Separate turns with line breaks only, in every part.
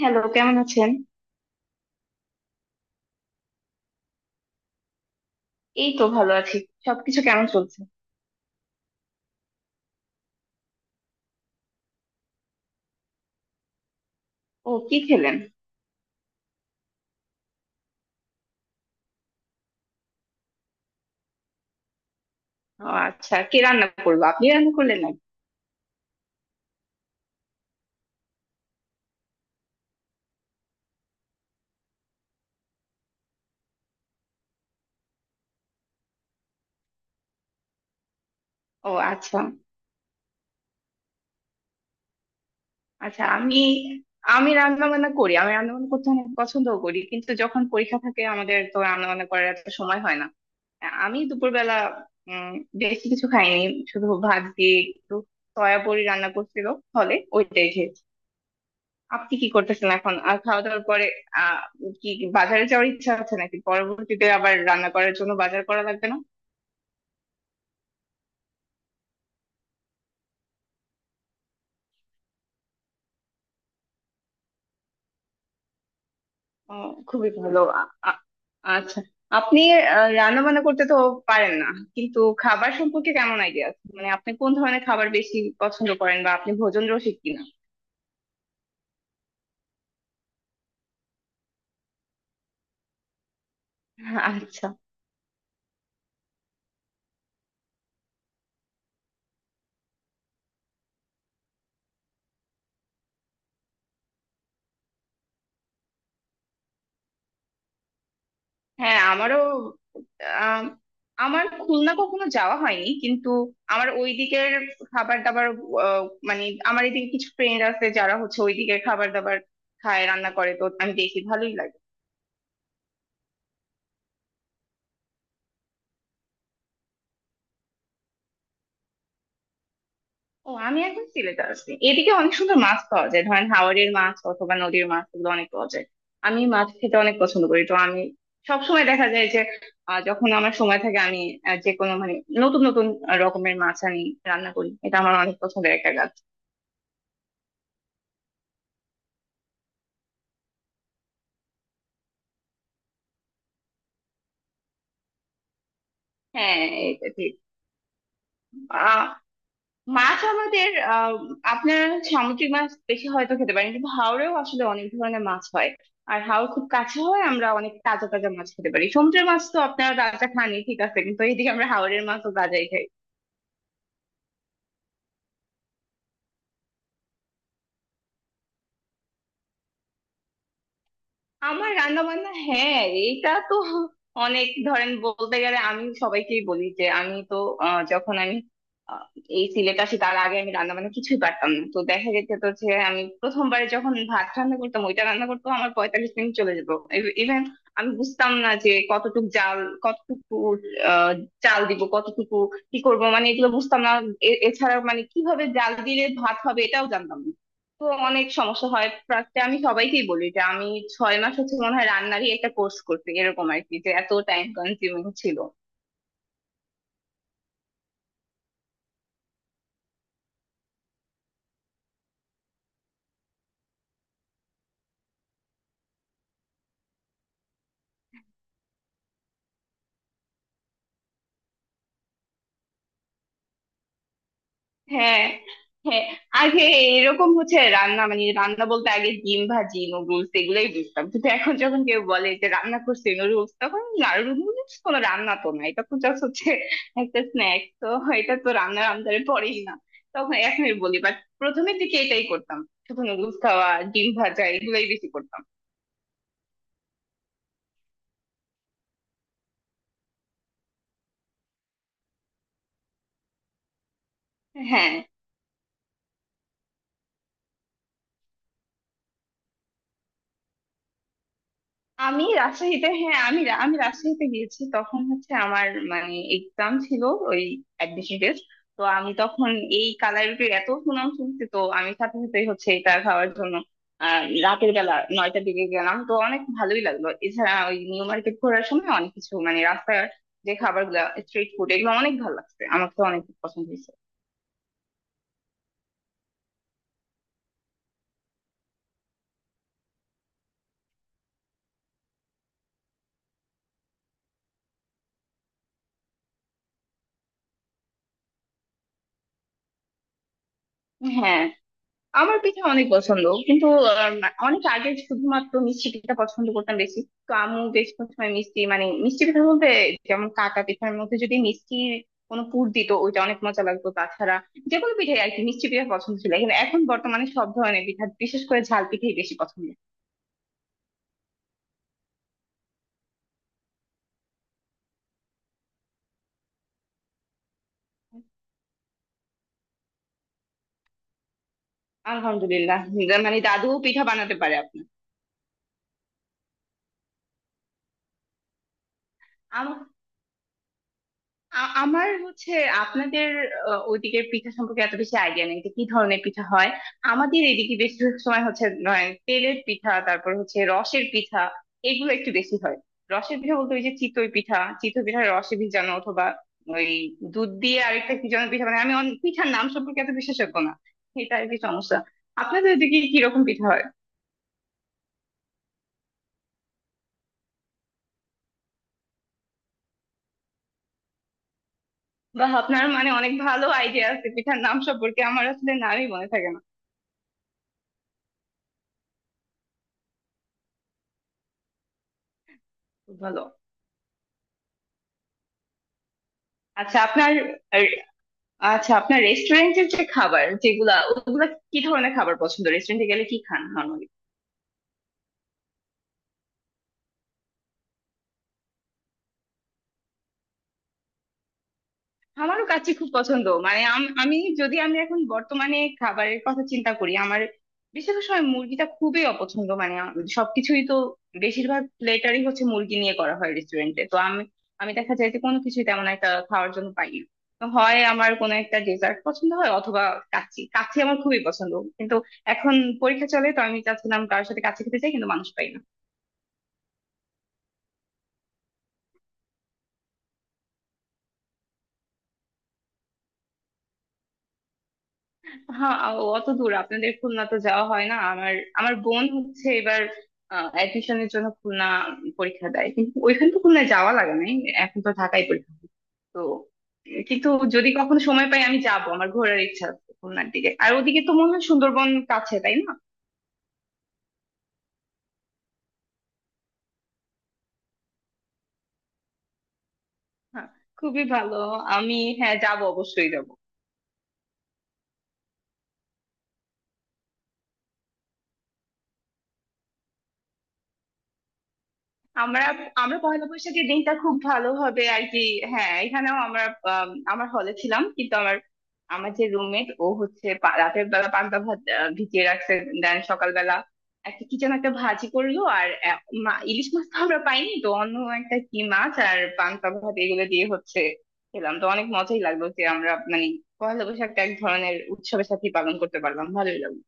Hello, কেমন আছেন? এই তো ভালো আছি। সবকিছু কেমন চলছে? ও, কি খেলেন? ও আচ্ছা, কে রান্না করলো, আপনি রান্না করলেন নাকি? ও আচ্ছা। আচ্ছা আমি আমি রান্না বান্না করি, আমি রান্না বান্না করতে অনেক পছন্দও করি, কিন্তু যখন পরীক্ষা থাকে, আমাদের তো রান্না বান্না করার এত সময় হয় না। আমি দুপুরবেলা উম বেশি কিছু খাইনি, শুধু ভাত দিয়ে একটু সয়াবড়ি রান্না করছিল, ফলে ওইটাই খেয়েছি। আপনি কি করতেছেন এখন, আর খাওয়া দাওয়ার পরে আহ কি কি বাজারে যাওয়ার ইচ্ছা আছে নাকি, পরবর্তীতে আবার রান্না করার জন্য বাজার করা লাগবে না? ও, খুবই ভালো। আচ্ছা, আপনি রান্না বান্না করতে তো পারেন না, কিন্তু খাবার সম্পর্কে কেমন আইডিয়া আছে, মানে আপনি কোন ধরনের খাবার বেশি পছন্দ করেন, বা আপনি ভোজন রসিক কিনা? আচ্ছা। হ্যাঁ, আমারও আম, আমার খুলনা কখনো যাওয়া হয়নি, কিন্তু আমার ওই দিকের খাবার দাবার আহ, মানে আমার এদিকে কিছু ফ্রেন্ড আছে যারা হচ্ছে ওই দিকের খাবার দাবার খায়, রান্না করে, তো আমি দেখি ভালোই লাগে। ও, আমি এখন সিলেটে আছি, এদিকে অনেক সুন্দর মাছ পাওয়া যায়, ধরেন হাওরের মাছ অথবা নদীর মাছ, এগুলো অনেক পাওয়া যায়। আমি মাছ খেতে অনেক পছন্দ করি, তো আমি সবসময় দেখা যায় যে যখন আমার সময় থাকে, আমি যে কোনো মানে নতুন নতুন রকমের মাছ আমি রান্না করি, এটা আমার অনেক পছন্দের একটা কাজ। হ্যাঁ, এটা ঠিক। আহ মাছ আমাদের আহ আপনারা সামুদ্রিক মাছ বেশি হয়তো খেতে পারেন, কিন্তু হাওরেও আসলে অনেক ধরনের মাছ হয়। আর হাওর খুব কাছে হয়, আমরা অনেক তাজা তাজা মাছ খেতে পারি। সমুদ্রের মাছ তো আপনারা তাজা খানই, ঠিক আছে, কিন্তু এইদিকে আমরা হাওরের মাছও তাজাই খাই। আমার রান্না বান্না, হ্যাঁ এইটা তো অনেক, ধরেন বলতে গেলে আমি সবাইকেই বলি যে আমি তো আহ, যখন আমি আহ, এই সিলেট আসি, তার আগে আমি রান্না বান্না কিছুই পারতাম না। তো দেখা গেছে তো যে আমি প্রথমবারে যখন ভাত রান্না করতাম, ওইটা রান্না করতাম আমার 45 মিনিট চলে যেত। ইভেন আমি বুঝতাম না যে কতটুকু জাল, কতটুকু আহ, চাল দিব, কতটুকু কি করব, মানে এগুলো বুঝতাম না। এছাড়া মানে কিভাবে জাল দিলে ভাত হবে এটাও জানতাম না। তো অনেক সমস্যা হয়, প্রায় আমি সবাইকেই বলি যে আমি 6 মাস হচ্ছে মনে হয় রান্নারই একটা কোর্স করছি এরকম আর কি, যে এত টাইম কনজিউমিং ছিল। হ্যাঁ, হ্যাঁ। আগে এরকম হচ্ছে রান্না, মানে রান্না বলতে আগে ডিম ভাজি, নুডলস, এগুলোই বুঝতাম। কিন্তু এখন যখন কেউ বলে যে রান্না করছি নুডলস, তখন নুডলস কোনো রান্না তো না, এটা তো জাস্ট হচ্ছে একটা স্ন্যাক্স তো, এটা তো রান্নার আন্দারে পড়েই না, তখন এখনই বলি। বাট প্রথমের দিকে এটাই করতাম, শুধু নুডলস খাওয়া, ডিম ভাজা, এগুলোই বেশি করতাম। হ্যাঁ, আমি রাজশাহীতে হ্যাঁ আমি রা- আমি রাজশাহীতে গিয়েছি, তখন হচ্ছে আমার মানে এক্সাম ছিল, ওই অ্যাডমিশন টেস্ট। তো আমি তখন এই কালাই রুটির এত সুনাম শুনছি, তো আমি সাথে সাথেই হচ্ছে এটা খাওয়ার জন্য রাতের বেলা 9টার দিকে গেলাম, তো অনেক ভালোই লাগলো। এছাড়া ওই নিউ মার্কেট ঘোরার সময় অনেক কিছু, মানে রাস্তার যে খাবার গুলা, স্ট্রিট ফুড, এগুলো অনেক ভালো লাগছে আমার, তো অনেক পছন্দ হয়েছে। হ্যাঁ, আমার পিঠা অনেক পছন্দ, কিন্তু আহ, অনেক আগে শুধুমাত্র মিষ্টি পিঠা পছন্দ করতাম বেশি। তো আম্মু বেশ কিছু সময় মিষ্টি, মানে মিষ্টি পিঠার মধ্যে যেমন কাকা পিঠার মধ্যে যদি মিষ্টি কোনো পুর দিত, ওইটা অনেক মজা লাগতো। তাছাড়া যে কোনো পিঠাই আর কি, মিষ্টি পিঠা পছন্দ ছিল, কিন্তু এখন বর্তমানে সব ধরনের পিঠা, বিশেষ করে ঝাল পিঠাই বেশি পছন্দ। আলহামদুলিল্লাহ, মানে দাদুও পিঠা বানাতে পারে? আপনার আমার হচ্ছে আপনাদের ওইদিকের পিঠা সম্পর্কে এত বেশি আইডিয়া নেই, যে কি ধরনের পিঠা হয়। আমাদের এদিকে বেশিরভাগ সময় হচ্ছে নয় তেলের পিঠা, তারপর হচ্ছে রসের পিঠা, এগুলো একটু বেশি হয়। রসের পিঠা বলতে ওই যে চিতই পিঠা রসে ভিজানো, অথবা ওই দুধ দিয়ে আরেকটা কি যেন পিঠা, মানে আমি পিঠার নাম সম্পর্কে এত বিশেষজ্ঞ না, এটা আর কি সমস্যা। আপনাদের ওইদিকে কিরকম পিঠা হয়? বা আপনার মানে অনেক ভালো আইডিয়া আছে পিঠার নাম সম্পর্কে, আমার আসলে নামই মনে থাকে না। খুব ভালো। আচ্ছা আপনার আচ্ছা, আপনার রেস্টুরেন্টের যে খাবার, যেগুলা ওগুলা কি ধরনের খাবার পছন্দ, রেস্টুরেন্টে গেলে কি খান নরমালি? আমারও কাচ্চি খুব পছন্দ, মানে আমি যদি, আমি এখন বর্তমানে খাবারের কথা চিন্তা করি, আমার বেশিরভাগ সময় মুরগিটা খুবই অপছন্দ, মানে সবকিছুই তো বেশিরভাগ প্লেটারই হচ্ছে মুরগি নিয়ে করা হয় রেস্টুরেন্টে, তো আমি আমি দেখা যায় যে কোনো কিছুই তেমন একটা খাওয়ার জন্য পাই না। তো হয় আমার কোনো একটা ডেজার্ট পছন্দ হয়, অথবা কাচ্চি, কাচ্চি আমার খুবই পছন্দ। কিন্তু এখন পরীক্ষা চলে, তো আমি চাচ্ছিলাম কারোর সাথে কাচ্চি খেতে চাই, কিন্তু মানুষ পাই না। হ্যাঁ, অত দূর আপনাদের খুলনা তো যাওয়া হয় না আমার। আমার বোন হচ্ছে এবার অ্যাডমিশনের জন্য খুলনা পরীক্ষা দেয়, কিন্তু ওইখান তো খুলনায় যাওয়া লাগে নাই, এখন তো ঢাকায় পরীক্ষা হয়। তো কিন্তু যদি কখনো সময় পাই আমি যাব, আমার ঘোরার ইচ্ছা আছে খুলনার দিকে। আর ওদিকে তো মনে হয় সুন্দরবন কাছে, তাই না? হ্যাঁ, খুবই ভালো। আমি হ্যাঁ, যাব, অবশ্যই যাব। আমরা আমরা পয়লা বৈশাখের দিনটা খুব ভালোভাবে আর কি, হ্যাঁ এখানেও আমরা, আমার হলে ছিলাম, কিন্তু আমার আমার যে রুমমেট ও হচ্ছে রাতের বেলা পান্তা ভাত ভিজিয়ে রাখছে, দেন সকালবেলা একটা কি যেন একটা ভাজি করলো, আর ইলিশ মাছ তো আমরা পাইনি, তো অন্য একটা কি মাছ আর পান্তা ভাত এগুলো দিয়ে হচ্ছে খেলাম, তো অনেক মজাই লাগলো যে আমরা মানে পয়লা বৈশাখটা এক ধরনের উৎসবের সাথে পালন করতে পারলাম, ভালোই লাগলো।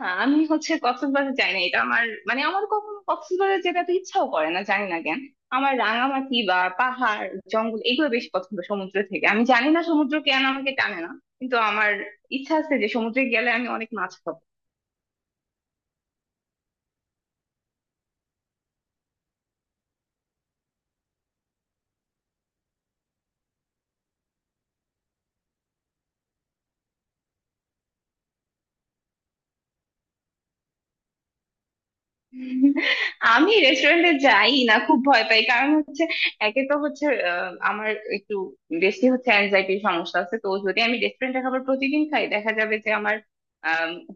হ্যাঁ, আমি হচ্ছে কক্সবাজার যাই না, এটা আমার মানে আমার কখনো কক্সবাজার যেতে তো ইচ্ছাও করে না, জানি না কেন। আমার রাঙামাটি বা পাহাড়, জঙ্গল, এগুলো বেশি পছন্দ। সমুদ্র থেকে আমি জানি না সমুদ্র কেন আমাকে টানে না, কিন্তু আমার ইচ্ছা আছে যে সমুদ্রে গেলে আমি অনেক মাছ খাবো। আমি রেস্টুরেন্টে যাই না, খুব ভয় পাই, কারণ হচ্ছে একে তো হচ্ছে আমার একটু বেশি হচ্ছে অ্যাংজাইটির সমস্যা আছে, তো যদি আমি রেস্টুরেন্টে খাবার প্রতিদিন খাই, দেখা যাবে যে আমার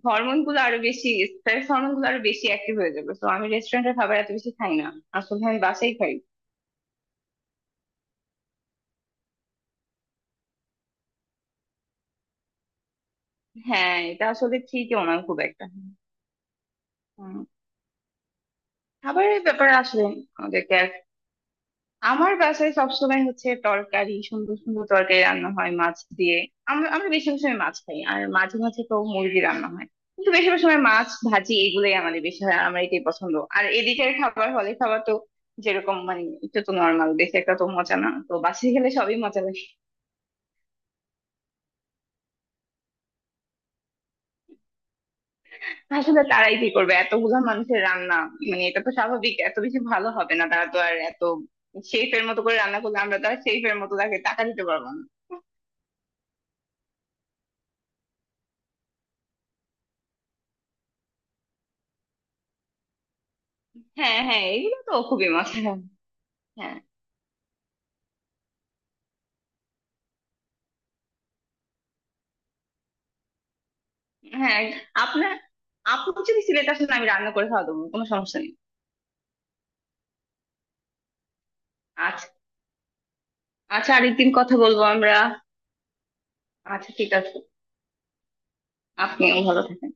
হরমোন গুলো আরো বেশি, স্ট্রেস হরমোন গুলো আরো বেশি অ্যাক্টিভ হয়ে যাবে, তো আমি রেস্টুরেন্টের খাবার এত বেশি খাই না আসলে, আমি বাসাই খাই। হ্যাঁ, এটা আসলে ঠিকই, ওনার খুব একটা। হুম। খাবারের ব্যাপারে আসলে আমাদেরকে, আমার বাসায় সবসময় হচ্ছে তরকারি, সুন্দর সুন্দর তরকারি রান্না হয় মাছ দিয়ে। আমরা আমরা বেশিরভাগ সময় মাছ খাই, আর মাঝে মাঝে তো মুরগি রান্না হয়, কিন্তু বেশিরভাগ সময় মাছ ভাজি এগুলোই আমাদের বেশি হয়, আমার এটাই পছন্দ। আর এদিকের খাবার, হলে খাবার তো যেরকম, মানে এটা তো নর্মাল, দেশে একটা তো মজা না, তো বাসায় গেলে সবই মজা লাগে। আসলে তারাই কি করবে, এতগুলা মানুষের রান্না, মানে এটা তো স্বাভাবিক এত বেশি ভালো হবে না, তারা তো আর এত শেফের মতো করে রান্না করলে আমরা তো আর শেফের মতো তাকে টাকা দিতে পারবো না। হ্যাঁ, হ্যাঁ, এগুলো তো খুবই মজা। হ্যাঁ, হ্যাঁ, আপনার, আপনি যদি সিলেট আসেন আমি রান্না করে খাওয়া দেবো, কোনো সমস্যা নেই। আচ্ছা, আচ্ছা, আরেকদিন কথা বলবো আমরা। আচ্ছা, ঠিক আছে, আপনিও ভালো থাকেন।